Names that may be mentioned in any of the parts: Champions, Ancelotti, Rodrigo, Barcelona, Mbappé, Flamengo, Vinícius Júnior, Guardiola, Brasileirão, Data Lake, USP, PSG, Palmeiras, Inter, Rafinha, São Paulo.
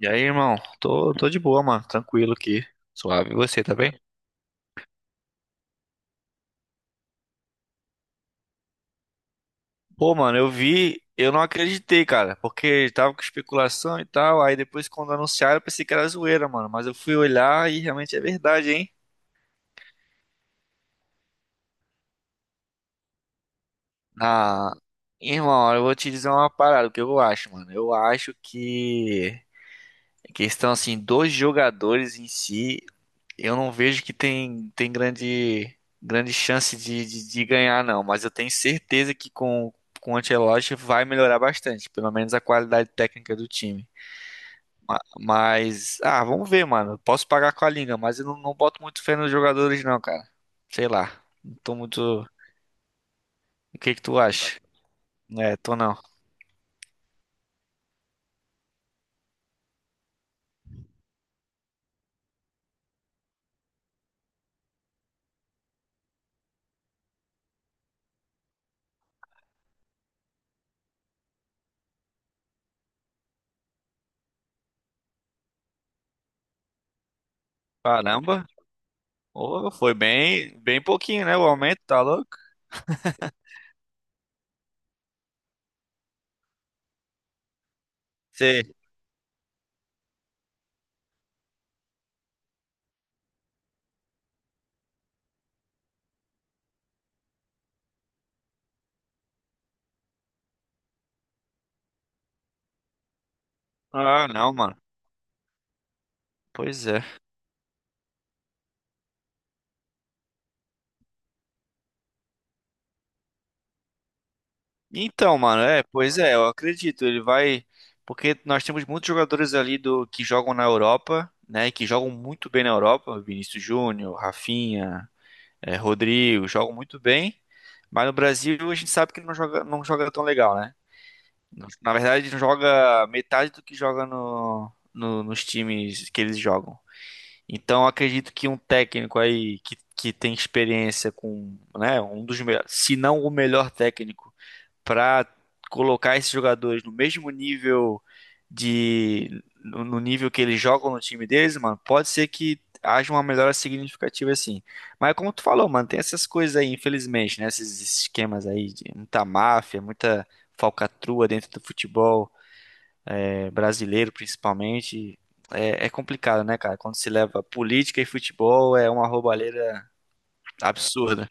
E aí, irmão? Tô de boa, mano. Tranquilo aqui. Suave. E você, tá bem? Pô, mano, eu vi, eu não acreditei, cara, porque tava com especulação e tal. Aí depois, quando anunciaram, eu pensei que era zoeira, mano. Mas eu fui olhar e realmente é verdade, hein? Ah, irmão, eu vou te dizer uma parada, o que eu acho, mano. Eu acho que a questão, assim, dos jogadores em si. Eu não vejo que tem grande, grande chance de ganhar, não, mas eu tenho certeza que com o Ancelotti vai melhorar bastante, pelo menos a qualidade técnica do time. Mas, vamos ver, mano. Posso pagar com a língua, mas eu não boto muito fé nos jogadores, não, cara. Sei lá. Não tô muito. O que que tu acha? É, tô não. Caramba. Ô, foi bem, bem pouquinho, né? O aumento, tá louco? Sei. Ah, não, mano. Pois é. Então, mano, é, pois é, eu acredito, ele vai, porque nós temos muitos jogadores ali do que jogam na Europa, né, que jogam muito bem na Europa, Vinícius Júnior, Rafinha, é, Rodrigo, jogam muito bem, mas no Brasil a gente sabe que não joga, não joga tão legal, né? Na verdade, não joga metade do que joga nos times que eles jogam. Então, eu acredito que um técnico aí que tem experiência com, né, um dos melhores, se não o melhor técnico para colocar esses jogadores no mesmo nível de no no nível que eles jogam no time deles, mano, pode ser que haja uma melhora significativa assim. Mas como tu falou, mano, tem essas coisas aí, infelizmente, né? Esses esquemas aí de muita máfia, muita falcatrua dentro do futebol, é, brasileiro, principalmente. É, é complicado, né, cara? Quando se leva política e futebol, é uma roubalheira absurda.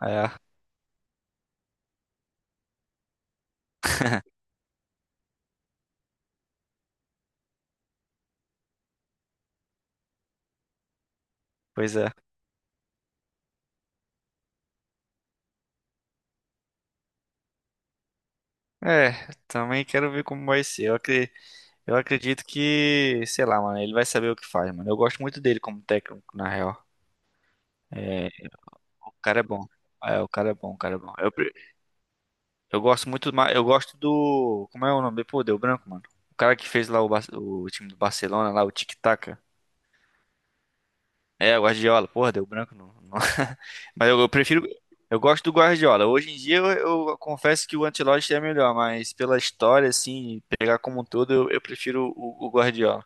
É, pois é. É, também quero ver como vai ser. Eu acredito que, sei lá, mano, ele vai saber o que faz, mano. Eu gosto muito dele como técnico, na real. É, o cara é bom. É, o cara é bom, o cara é bom. Eu gosto muito, eu gosto do, como é o nome? Pô, deu branco, mano. O cara que fez lá o time do Barcelona, lá, o Tic Taca. É, o Guardiola. Porra, deu branco. Não. Mas eu prefiro, eu gosto do Guardiola. Hoje em dia eu confesso que o Ancelotti é melhor, mas pela história, assim, pegar como um todo, eu prefiro o Guardiola.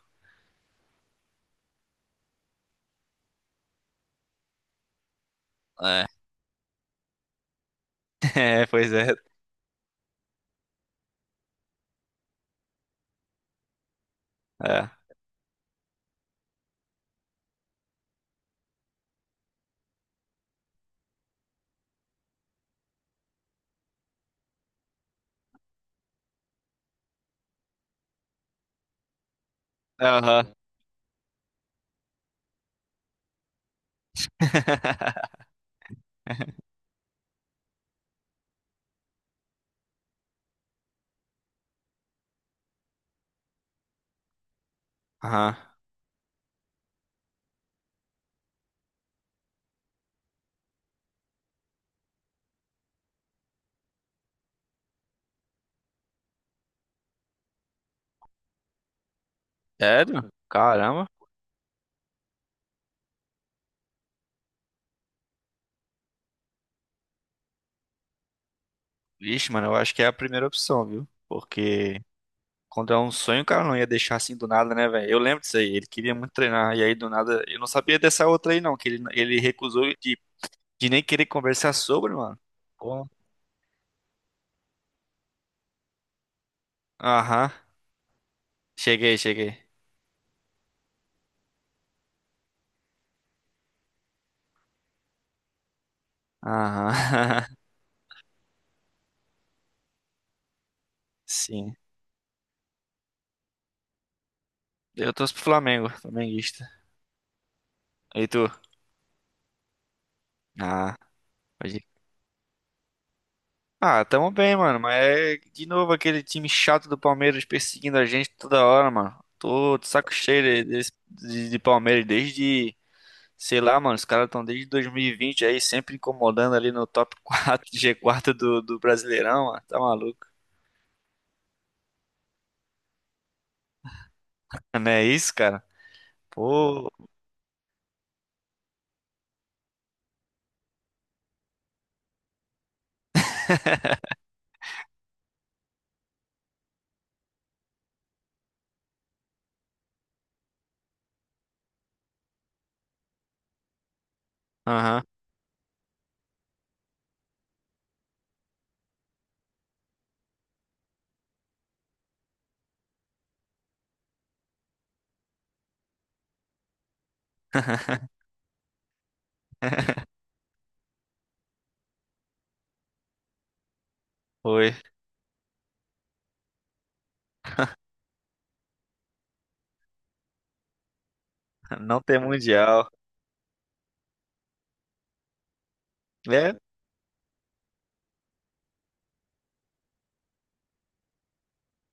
É, é, pois é. É. Aham. Aham. Sério? Caramba. Vixe, mano, eu acho que é a primeira opção, viu? Porque quando é um sonho, o cara não ia deixar assim do nada, né, velho? Eu lembro disso aí. Ele queria muito treinar. E aí, do nada, eu não sabia dessa outra aí, não. Que ele recusou de, nem querer conversar sobre, mano. Como? Aham. Cheguei, cheguei. Aham. Sim. Eu torço pro Flamengo, flamenguista. E tu? Ah, pode Ah, tamo bem, mano. Mas é de novo aquele time chato do Palmeiras perseguindo a gente toda hora, mano. Tô de saco cheio de, de Palmeiras desde, sei lá, mano. Os caras estão desde 2020 aí, sempre incomodando ali no top quatro, g 4 do Brasileirão, mano. Tá maluco? Não é isso, cara? Pô, aham. Foi. Não tem mundial. É,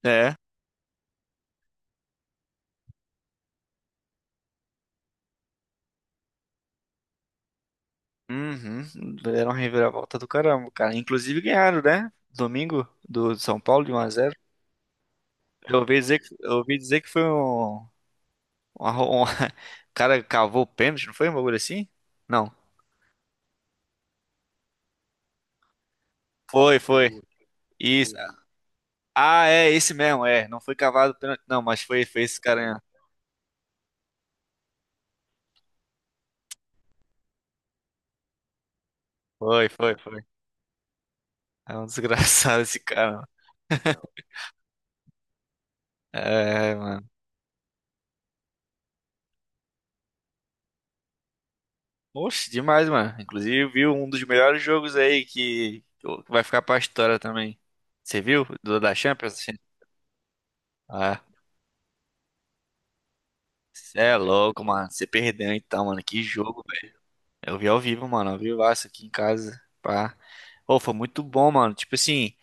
é. Uhum. Deram uma reviravolta do caramba, cara. Inclusive ganharam, né? Domingo do São Paulo de um a zero. Eu ouvi dizer que foi um cara cavou o pênalti, não foi um bagulho assim? Não. Foi, foi. Isso. Ah, é, esse mesmo, é. Não foi cavado o pênalti, não, mas foi esse cara mesmo. Foi, foi, foi. É um desgraçado esse cara, mano. É, mano. Oxe, demais, mano. Inclusive, viu um dos melhores jogos aí que vai ficar pra história também. Você viu? Do da Champions? Ah, você é louco, mano. Você perdeu então, mano. Que jogo. Eu vi ao vivo, mano, ao vivaço aqui em casa, pá. Ô, foi muito bom, mano. Tipo assim,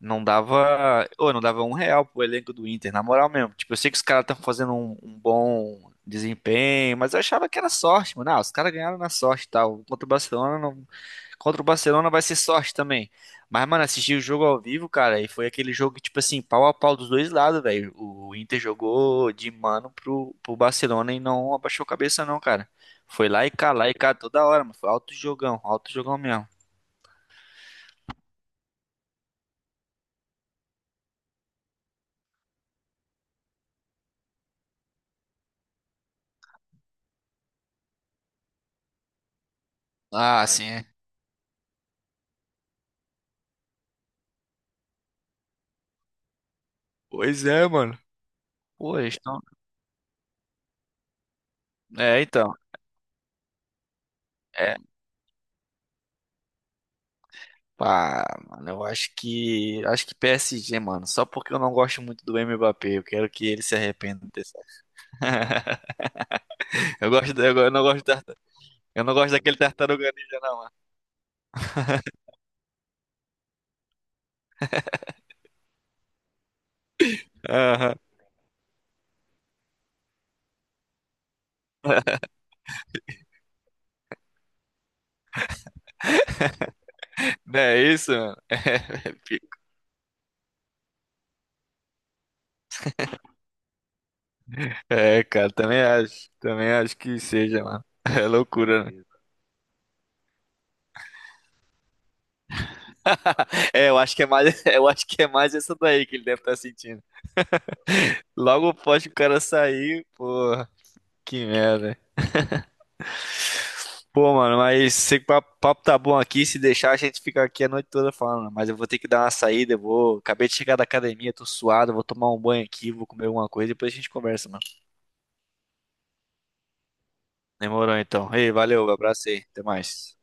não dava um real pro elenco do Inter, na moral mesmo. Tipo, eu sei que os caras estão fazendo um bom desempenho, mas eu achava que era sorte, mano. Ah, os caras ganharam na sorte e tal. Contra o Barcelona, não. Contra o Barcelona vai ser sorte também. Mas, mano, assisti o jogo ao vivo, cara, e foi aquele jogo, que, tipo assim, pau a pau dos dois lados, velho. O Inter jogou de mano pro Barcelona e não abaixou a cabeça, não, cara. Foi lá e cá toda hora, mano. Foi alto jogão mesmo. Ah, sim, é. Pois é, mano. Pô, eles estão. É, então. É. Pá, mano, eu acho que. Acho que PSG, mano. Só porque eu não gosto muito do Mbappé. Eu quero que ele se arrependa dessa. Eu não gosto da. Eu não gosto daquele tartaruga ninja, não, mano. Aham. Não é isso, mano? É, cara, também acho. Também acho que seja, mano. É loucura, né? É, eu acho que é mais, eu acho que é mais essa daí que ele deve estar sentindo. Logo após que o cara sair, porra, que merda. Pô, mano, mas sei que o papo papo tá bom aqui. Se deixar, a gente fica aqui a noite toda falando, né? Mas eu vou ter que dar uma saída. Eu vou. Acabei de chegar da academia, tô suado. Vou tomar um banho aqui, vou comer alguma coisa. Depois a gente conversa, mano. Demorou então. Ei, valeu, abraço aí, até mais.